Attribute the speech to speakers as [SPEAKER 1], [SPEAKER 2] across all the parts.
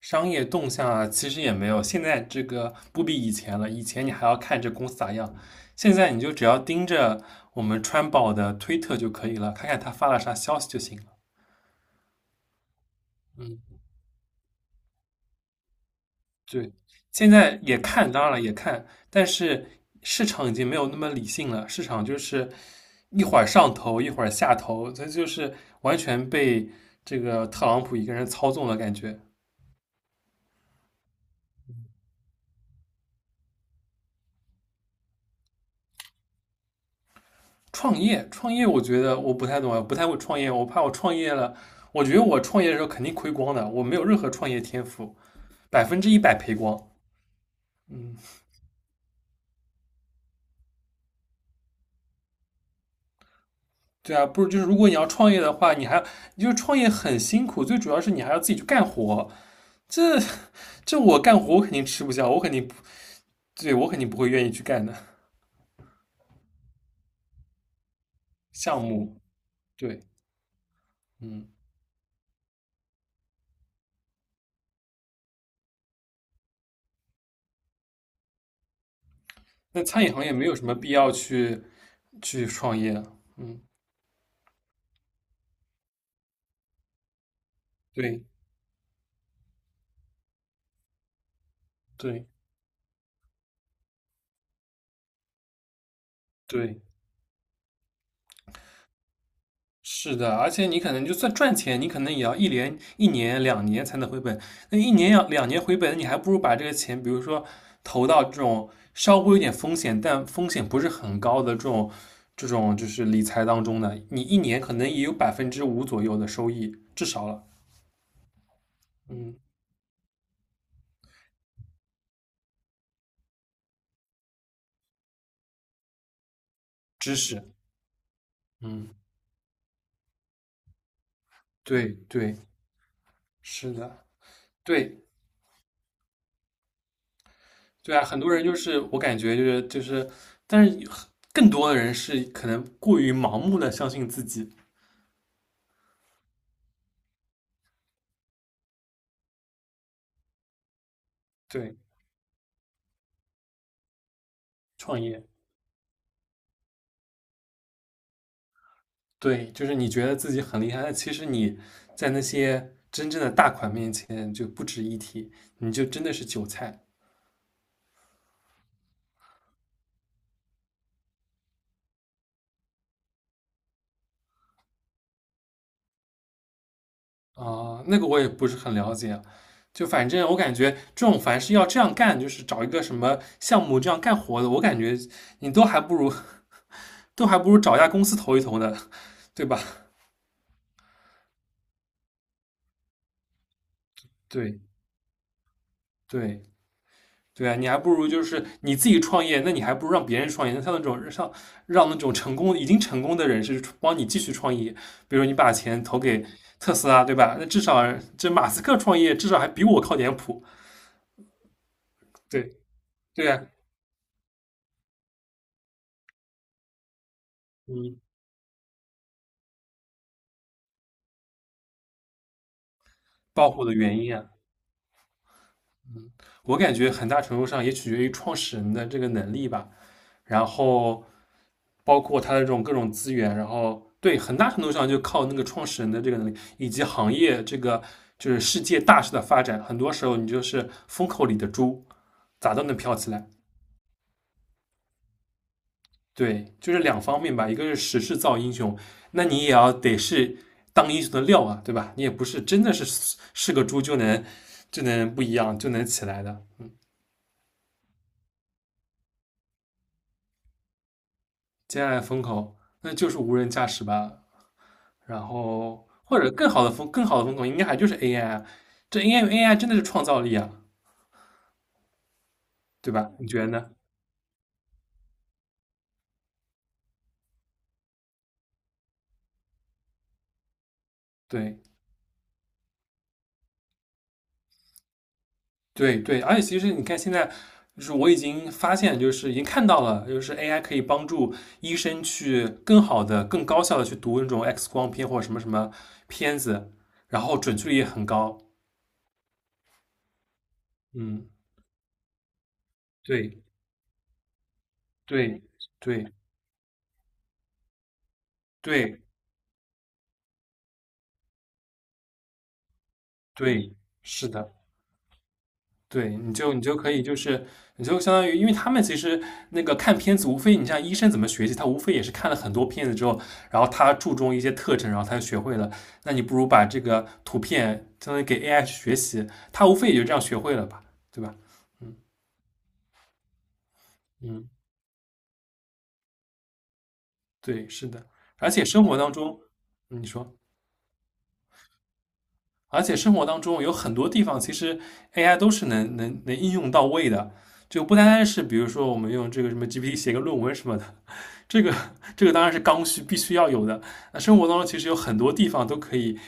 [SPEAKER 1] 商业动向啊，其实也没有，现在这个不比以前了。以前你还要看这公司咋样，现在你就只要盯着我们川宝的推特就可以了，看看他发了啥消息就行了。嗯，对，现在也看，当然了也看，但是市场已经没有那么理性了，市场就是一会儿上头，一会儿下头，这就是完全被这个特朗普一个人操纵了感觉。创业，创业，我觉得我不太懂，啊，不太会创业，我怕我创业了，我觉得我创业的时候肯定亏光的，我没有任何创业天赋，百分之一百赔光。嗯，对啊，不是，就是如果你要创业的话，你就是创业很辛苦，最主要是你还要自己去干活，这这我干活我肯定吃不消，我肯定不对，我肯定不会愿意去干的项目。对，嗯，那餐饮行业没有什么必要去创业。嗯，对对对，是的，而且你可能就算赚钱，你可能也要一年、一年、两年才能回本。那一年要两年回本，你还不如把这个钱，比如说投到这种稍微有点风险，但风险不是很高的这种就是理财当中呢，你一年可能也有百分之五左右的收益，至少了。嗯，知识，嗯，对对，是的，对对啊，很多人就是我感觉就是，但是更多的人是可能过于盲目的相信自己。对，创业，对，就是你觉得自己很厉害，但其实你在那些真正的大款面前就不值一提，你就真的是韭菜。啊，那个我也不是很了解，就反正我感觉这种凡是要这样干，就是找一个什么项目这样干活的，我感觉你都还不如找一家公司投一投呢，对吧？对对，对啊，你还不如就是你自己创业，那你还不如让别人创业。那像那种让那种成功已经成功的人士帮你继续创业，比如说你把钱投给特斯拉，对吧？那至少这马斯克创业至少还比我靠点谱。对对啊，嗯，爆火的原因啊，我感觉很大程度上也取决于创始人的这个能力吧。然后包括它的这种各种资源，然后对很大程度上就靠那个创始人的这个能力，以及行业这个就是世界大势的发展，很多时候你就是风口里的猪，咋都能飘起来。对，就是两方面吧，一个是时势造英雄，那你也要得是当英雄的料啊，对吧？你也不是真的是个猪就能不一样就能起来的。嗯，接下来风口那就是无人驾驶吧，然后或者更好的风口应该还就是 AI 啊，这 AI AI 真的是创造力啊，对吧？你觉得呢？对对对，而且其实你看现在，就是我已经发现，就是已经看到了，就是 AI 可以帮助医生去更好的、更高效的去读那种 X 光片或者什么什么片子，然后准确率也很高。嗯，对对对对对，是的。对，你就可以，就是你就相当于，因为他们其实那个看片子，无非你像医生怎么学习，他无非也是看了很多片子之后，然后他注重一些特征，然后他就学会了。那你不如把这个图片相当于给 AI 去学习，他无非也就这样学会了吧，对吧？嗯嗯，对，是的。而且生活当中，嗯你说。而且生活当中有很多地方，其实 AI 都是能应用到位的，就不单单是比如说我们用这个什么 GPT 写个论文什么的，这个这个当然是刚需，必须要有的。那生活当中其实有很多地方都可以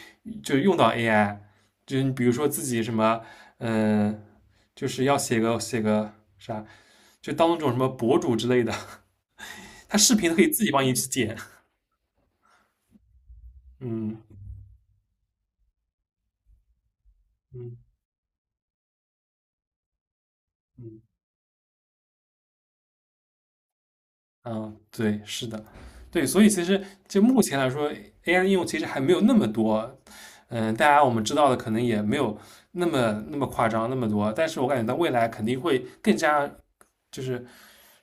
[SPEAKER 1] 就用到 AI，就你比如说自己什么，嗯、呃就是要写个啥，就当那种什么博主之类的，他视频可以自己帮你剪，嗯嗯嗯。嗯，对，是的，对，所以其实就目前来说，AI 的应用其实还没有那么多。嗯，大家我们知道的可能也没有那么夸张那么多，但是我感觉到未来肯定会更加就是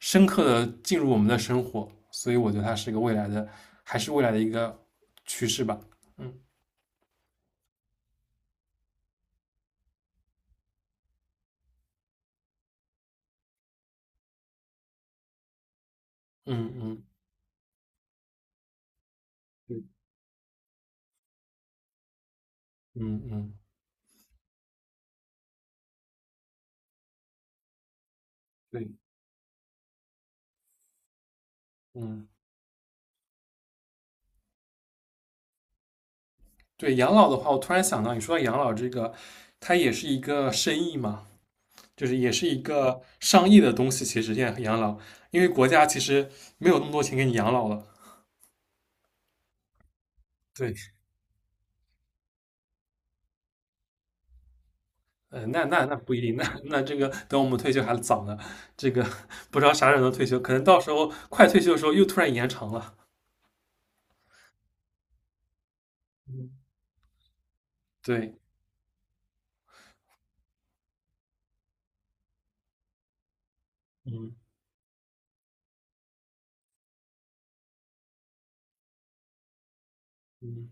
[SPEAKER 1] 深刻的进入我们的生活，所以我觉得它是一个未来的，还是未来的一个趋势吧。嗯嗯嗯，对，嗯嗯对，嗯对，养老的话，我突然想到，你说到养老这个，它也是一个生意嘛。就是也是一个上亿的东西，其实现在养老，因为国家其实没有那么多钱给你养老了。对，那不一定，那这个等我们退休还早呢，这个不知道啥时候能退休，可能到时候快退休的时候又突然延长了。嗯，对，嗯嗯，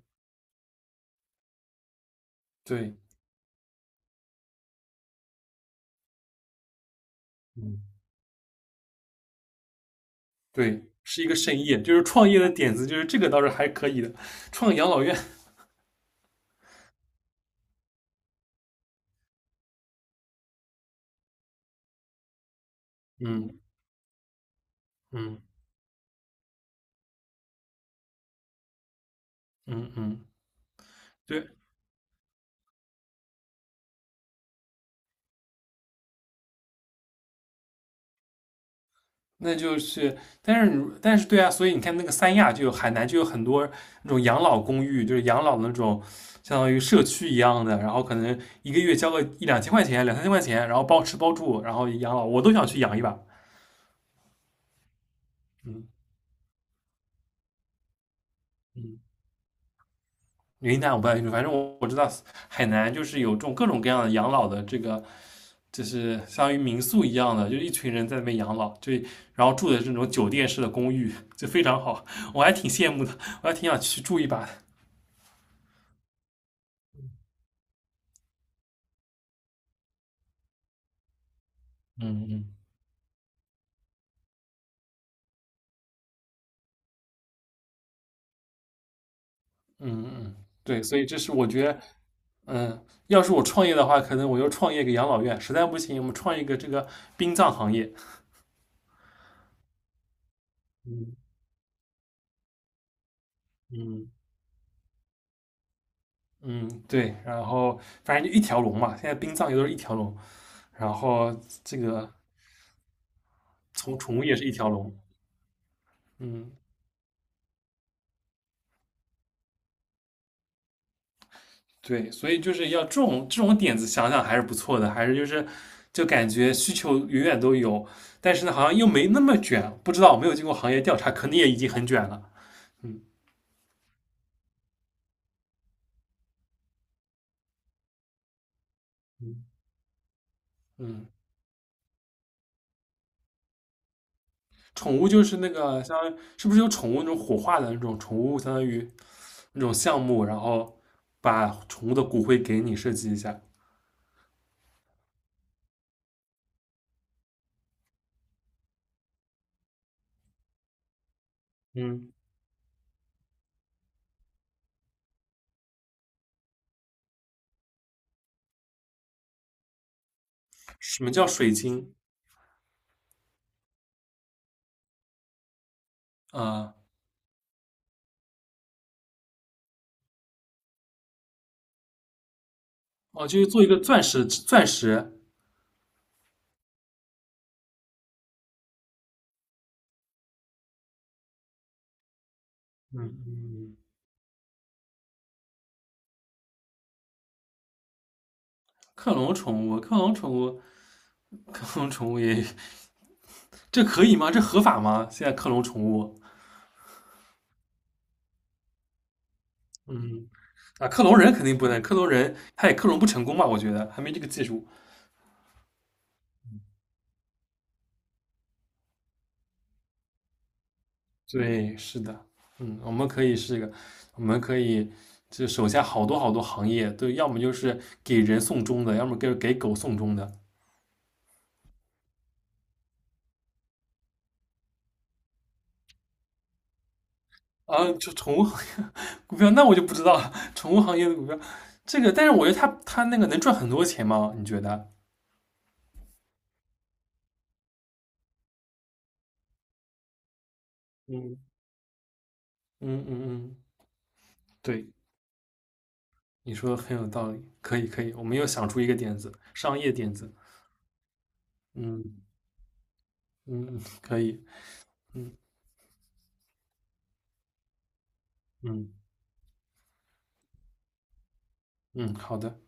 [SPEAKER 1] 对，嗯对，是一个盛宴，就是创业的点子，就是这个倒是还可以的，创养老院。嗯嗯嗯嗯，对，那就是，但是但是对啊，所以你看那个三亚就有海南就有很多那种养老公寓，就是养老的那种相当于社区一样的，然后可能一个月交个一两千块钱、两三千块钱，然后包吃包住，然后养老，我都想去养一把。嗯嗯，云南我不太清楚，反正我知道海南就是有这种各种各样的养老的这个，就是相当于民宿一样的，就一群人在那边养老，然后住的这种酒店式的公寓，就非常好，我还挺羡慕的，我还挺想去住一把的。嗯嗯。嗯嗯，对，所以这是我觉得，嗯，要是我创业的话，可能我就创业个养老院，实在不行，我们创一个这个殡葬行业。嗯嗯嗯，对，然后反正就一条龙嘛，现在殡葬也都是一条龙，然后这个从宠物也是一条龙。嗯，对，所以就是要这种点子想想还是不错的，还是就感觉需求永远都有，但是呢，好像又没那么卷，不知道没有经过行业调查，可能也已经很卷了。嗯嗯嗯。宠物就是那个相当于是不是有宠物那种火化的那种宠物，相当于那种项目，然后把宠物的骨灰给你设计一下。嗯，什么叫水晶？啊，哦，就是做一个钻石钻石。嗯嗯，克隆宠物，克隆宠物，克隆宠物也这可以吗？这合法吗？现在克隆宠物，嗯克隆人肯定不能，克隆人他也克隆不成功吧？我觉得还没这个技术。对，是的，嗯，我们可以就手下好多好多行业，对，要么就是给人送终的，要么给狗送终的啊，就宠物行业 股票，那我就不知道了。宠物行业的股票，这个，但是我觉得它那个能赚很多钱吗？你觉得？嗯嗯嗯嗯，对，你说的很有道理，可以可以，我们又想出一个点子，商业点子，嗯嗯，嗯可以，嗯嗯嗯，好的。